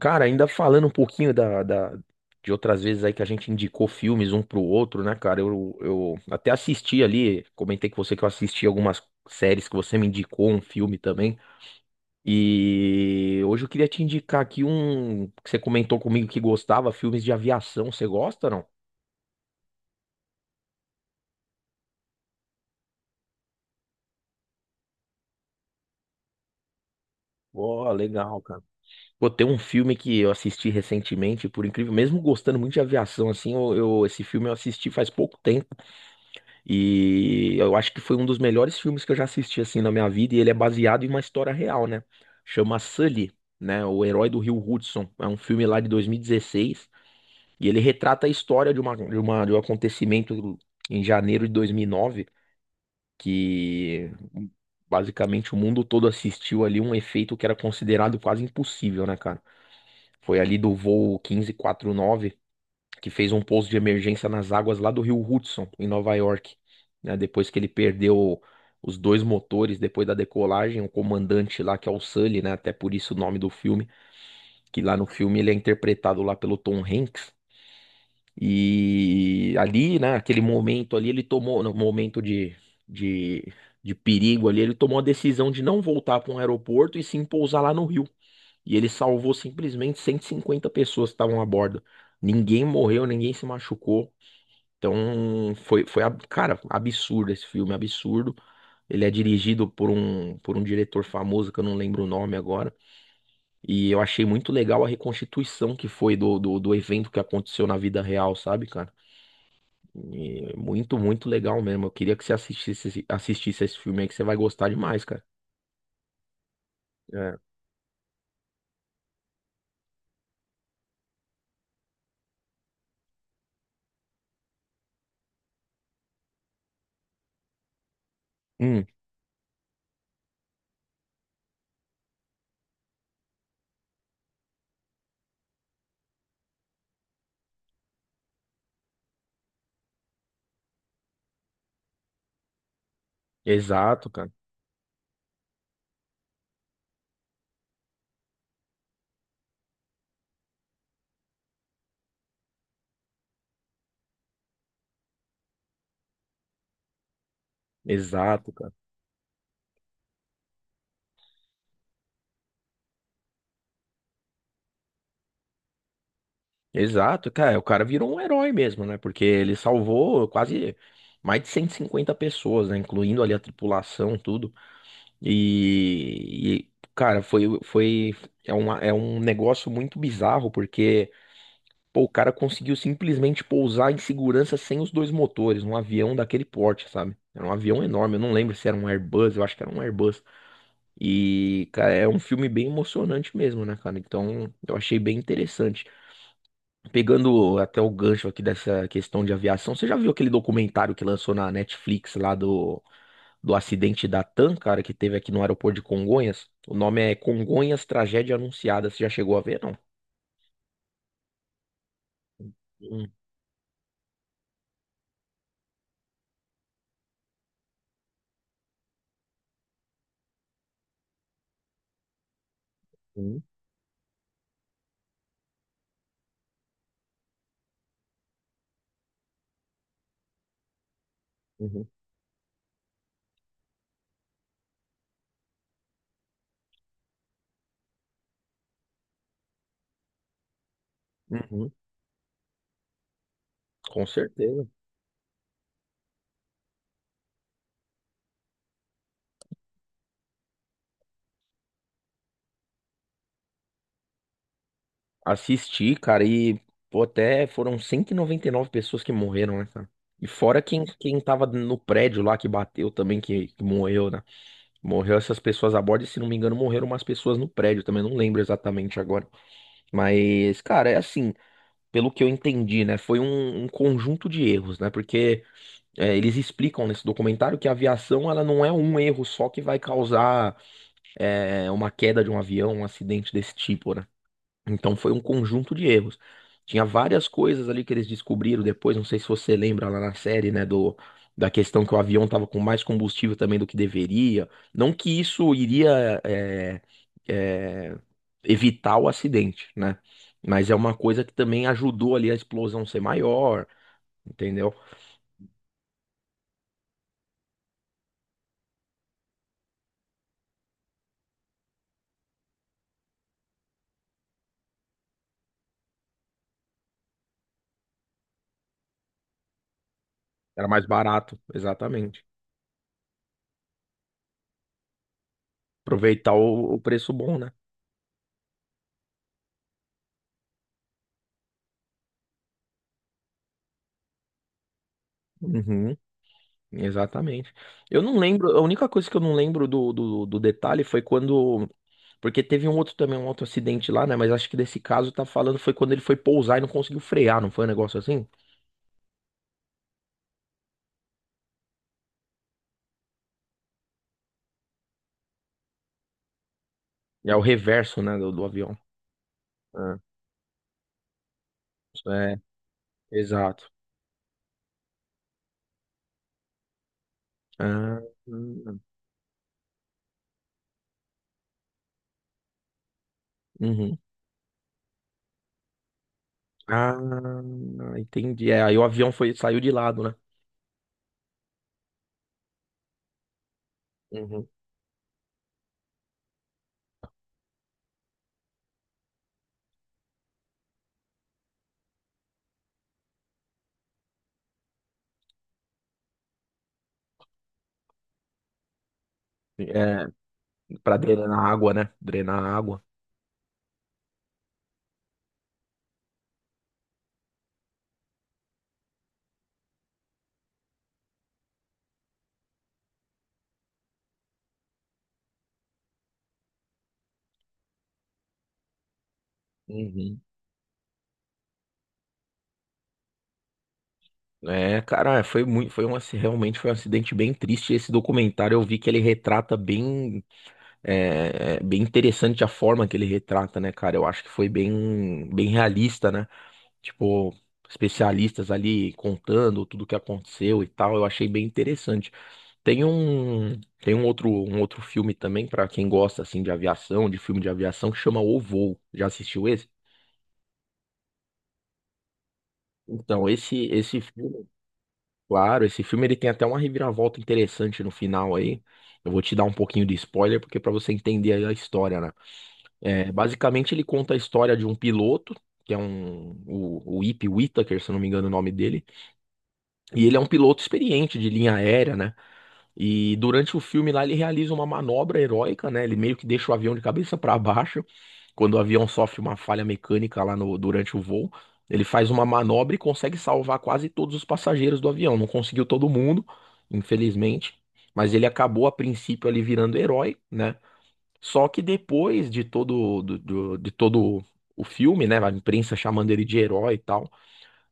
Cara, ainda falando um pouquinho de outras vezes aí que a gente indicou filmes um pro outro, né, cara? Eu até assisti ali, comentei com você que eu assisti algumas séries que você me indicou, um filme também. E hoje eu queria te indicar aqui um que você comentou comigo que gostava, filmes de aviação. Você gosta, não? Ó, legal, cara. Pô, tem um filme que eu assisti recentemente, por incrível, mesmo gostando muito de aviação, assim, esse filme eu assisti faz pouco tempo. E eu acho que foi um dos melhores filmes que eu já assisti assim na minha vida e ele é baseado em uma história real, né? Chama Sully, né? O Herói do Rio Hudson. É um filme lá de 2016 e dezesseis e ele retrata a história de um acontecimento em janeiro de 2009 que basicamente o mundo todo assistiu ali um efeito que era considerado quase impossível, né, cara? Foi ali do voo 1549 que fez um pouso de emergência nas águas lá do Rio Hudson, em Nova York, né? Depois que ele perdeu os dois motores depois da decolagem, o comandante lá, que é o Sully, né? Até por isso o nome do filme, que lá no filme ele é interpretado lá pelo Tom Hanks. E ali, né, aquele momento ali, ele tomou, no momento de, de perigo ali, ele tomou a decisão de não voltar para um aeroporto e sim pousar lá no Rio. E ele salvou simplesmente 150 pessoas que estavam a bordo. Ninguém morreu, ninguém se machucou. Então, cara, absurdo esse filme, absurdo. Ele é dirigido por um diretor famoso que eu não lembro o nome agora. E eu achei muito legal a reconstituição que foi do evento que aconteceu na vida real, sabe, cara? E é muito, muito legal mesmo. Eu queria que você assistisse, assistisse esse filme aí, que você vai gostar demais, cara. É. Hum, exato, cara. Exato, cara. Exato, cara, o cara virou um herói mesmo, né? Porque ele salvou quase mais de 150 pessoas, né? Incluindo ali a tripulação, tudo. E, cara, foi, foi, é uma, é um negócio muito bizarro, porque, pô, o cara conseguiu simplesmente pousar em segurança sem os dois motores, num avião daquele porte, sabe? Era um avião enorme, eu não lembro se era um Airbus, eu acho que era um Airbus. E, cara, é um filme bem emocionante mesmo, né, cara? Então, eu achei bem interessante. Pegando até o gancho aqui dessa questão de aviação, você já viu aquele documentário que lançou na Netflix lá do acidente da TAM, cara, que teve aqui no aeroporto de Congonhas? O nome é Congonhas Tragédia Anunciada. Você já chegou a ver, não? Uhum, uhum, uhum, com certeza. Assisti, cara, e pô, até foram 199 pessoas que morreram, né, cara? E fora quem tava no prédio lá que bateu também, que morreu, né? Morreu essas pessoas a bordo, e se não me engano, morreram umas pessoas no prédio também, não lembro exatamente agora. Mas, cara, é assim, pelo que eu entendi, né? Foi um conjunto de erros, né? Porque eles explicam nesse documentário que a aviação, ela não é um erro só que vai causar uma queda de um avião, um acidente desse tipo, né? Então foi um conjunto de erros. Tinha várias coisas ali que eles descobriram depois, não sei se você lembra lá na série, né, do da questão que o avião tava com mais combustível também do que deveria. Não que isso iria é, evitar o acidente, né? Mas é uma coisa que também ajudou ali a explosão ser maior, entendeu? Era mais barato, exatamente. Aproveitar o preço bom, né? Uhum. Exatamente. Eu não lembro, a única coisa que eu não lembro do detalhe foi quando. Porque teve um outro também, um outro acidente lá, né? Mas acho que desse caso tá falando foi quando ele foi pousar e não conseguiu frear, não foi um negócio assim? É o reverso, né, do avião. Ah, isso é, exato. Ah, hum, uhum. Ah, entendi. É, aí o avião foi, saiu de lado, né? Uhum. É, pra drenar água, né? Drenar água. Uhum. É, cara, é, foi muito, foi um, aci- realmente foi um acidente bem triste. Esse documentário eu vi que ele retrata bem, bem interessante a forma que ele retrata, né, cara? Eu acho que foi bem, bem realista, né? Tipo, especialistas ali contando tudo o que aconteceu e tal. Eu achei bem interessante. Um outro filme também pra quem gosta assim de aviação, de filme de aviação, que chama O Voo. Já assistiu esse? Então, esse filme Claro, esse filme ele tem até uma reviravolta interessante no final aí. Eu vou te dar um pouquinho de spoiler, porque para você entender aí a história, né? É, basicamente, ele conta a história de um piloto, que é o Ip Whittaker, se eu não me engano o nome dele. E ele é um piloto experiente de linha aérea, né? E durante o filme lá ele realiza uma manobra heróica, né? Ele meio que deixa o avião de cabeça para baixo. Quando o avião sofre uma falha mecânica lá no, durante o voo, ele faz uma manobra e consegue salvar quase todos os passageiros do avião. Não conseguiu todo mundo, infelizmente, mas ele acabou a princípio ali virando herói, né? Só que depois de todo o filme, né, a imprensa chamando ele de herói e tal,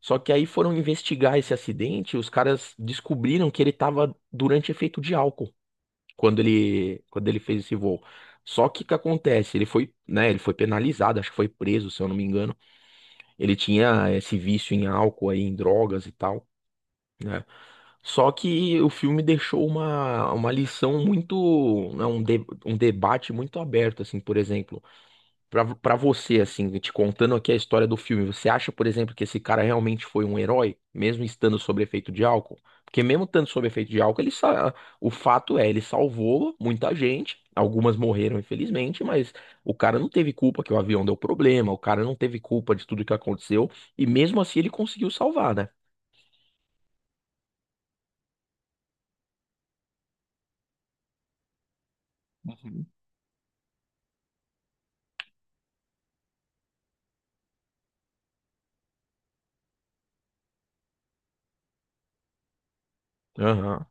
só que aí foram investigar esse acidente, e os caras descobriram que ele estava durante efeito de álcool quando ele fez esse voo. Só que o que acontece? Ele foi, né, ele foi penalizado, acho que foi preso, se eu não me engano. Ele tinha esse vício em álcool aí, em drogas e tal, né? Só que o filme deixou uma lição muito, né, um debate muito aberto, assim, por exemplo. Pra você, assim, te contando aqui a história do filme, você acha, por exemplo, que esse cara realmente foi um herói, mesmo estando sob efeito de álcool? Porque mesmo estando sob efeito de álcool, o fato é, ele salvou muita gente, algumas morreram, infelizmente, mas o cara não teve culpa que o avião deu problema, o cara não teve culpa de tudo que aconteceu, e mesmo assim ele conseguiu salvar, né? Uhum. Aham,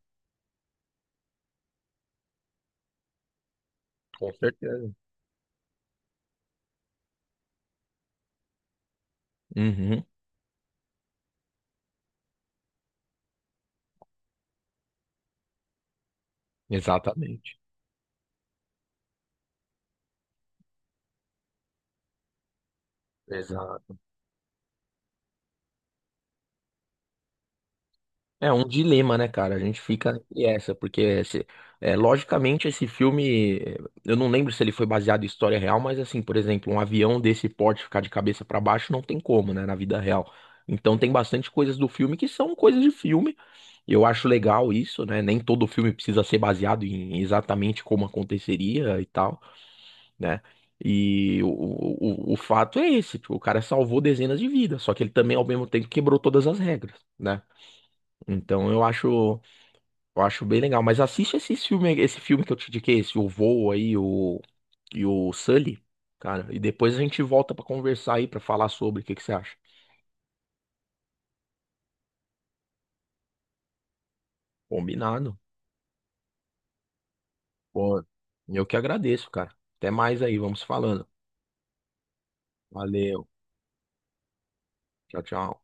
com certeza. Uhum, exatamente. Exato. É um dilema, né, cara? A gente fica entre essa, porque esse- é, logicamente esse filme, eu não lembro se ele foi baseado em história real, mas assim, por exemplo, um avião desse porte ficar de cabeça pra baixo não tem como, né, na vida real. Então tem bastante coisas do filme que são coisas de filme. Eu acho legal isso, né? Nem todo filme precisa ser baseado em exatamente como aconteceria e tal, né? E o fato é esse, tipo, o cara salvou dezenas de vidas, só que ele também, ao mesmo tempo, quebrou todas as regras, né? Então eu acho. Eu acho bem legal, mas assiste esse filme que eu te indiquei, esse O Voo aí, o e o Sully, cara, e depois a gente volta pra conversar aí, pra falar sobre o que que você acha. Combinado. Pô, eu que agradeço, cara. Até mais aí, vamos falando. Valeu. Tchau, tchau.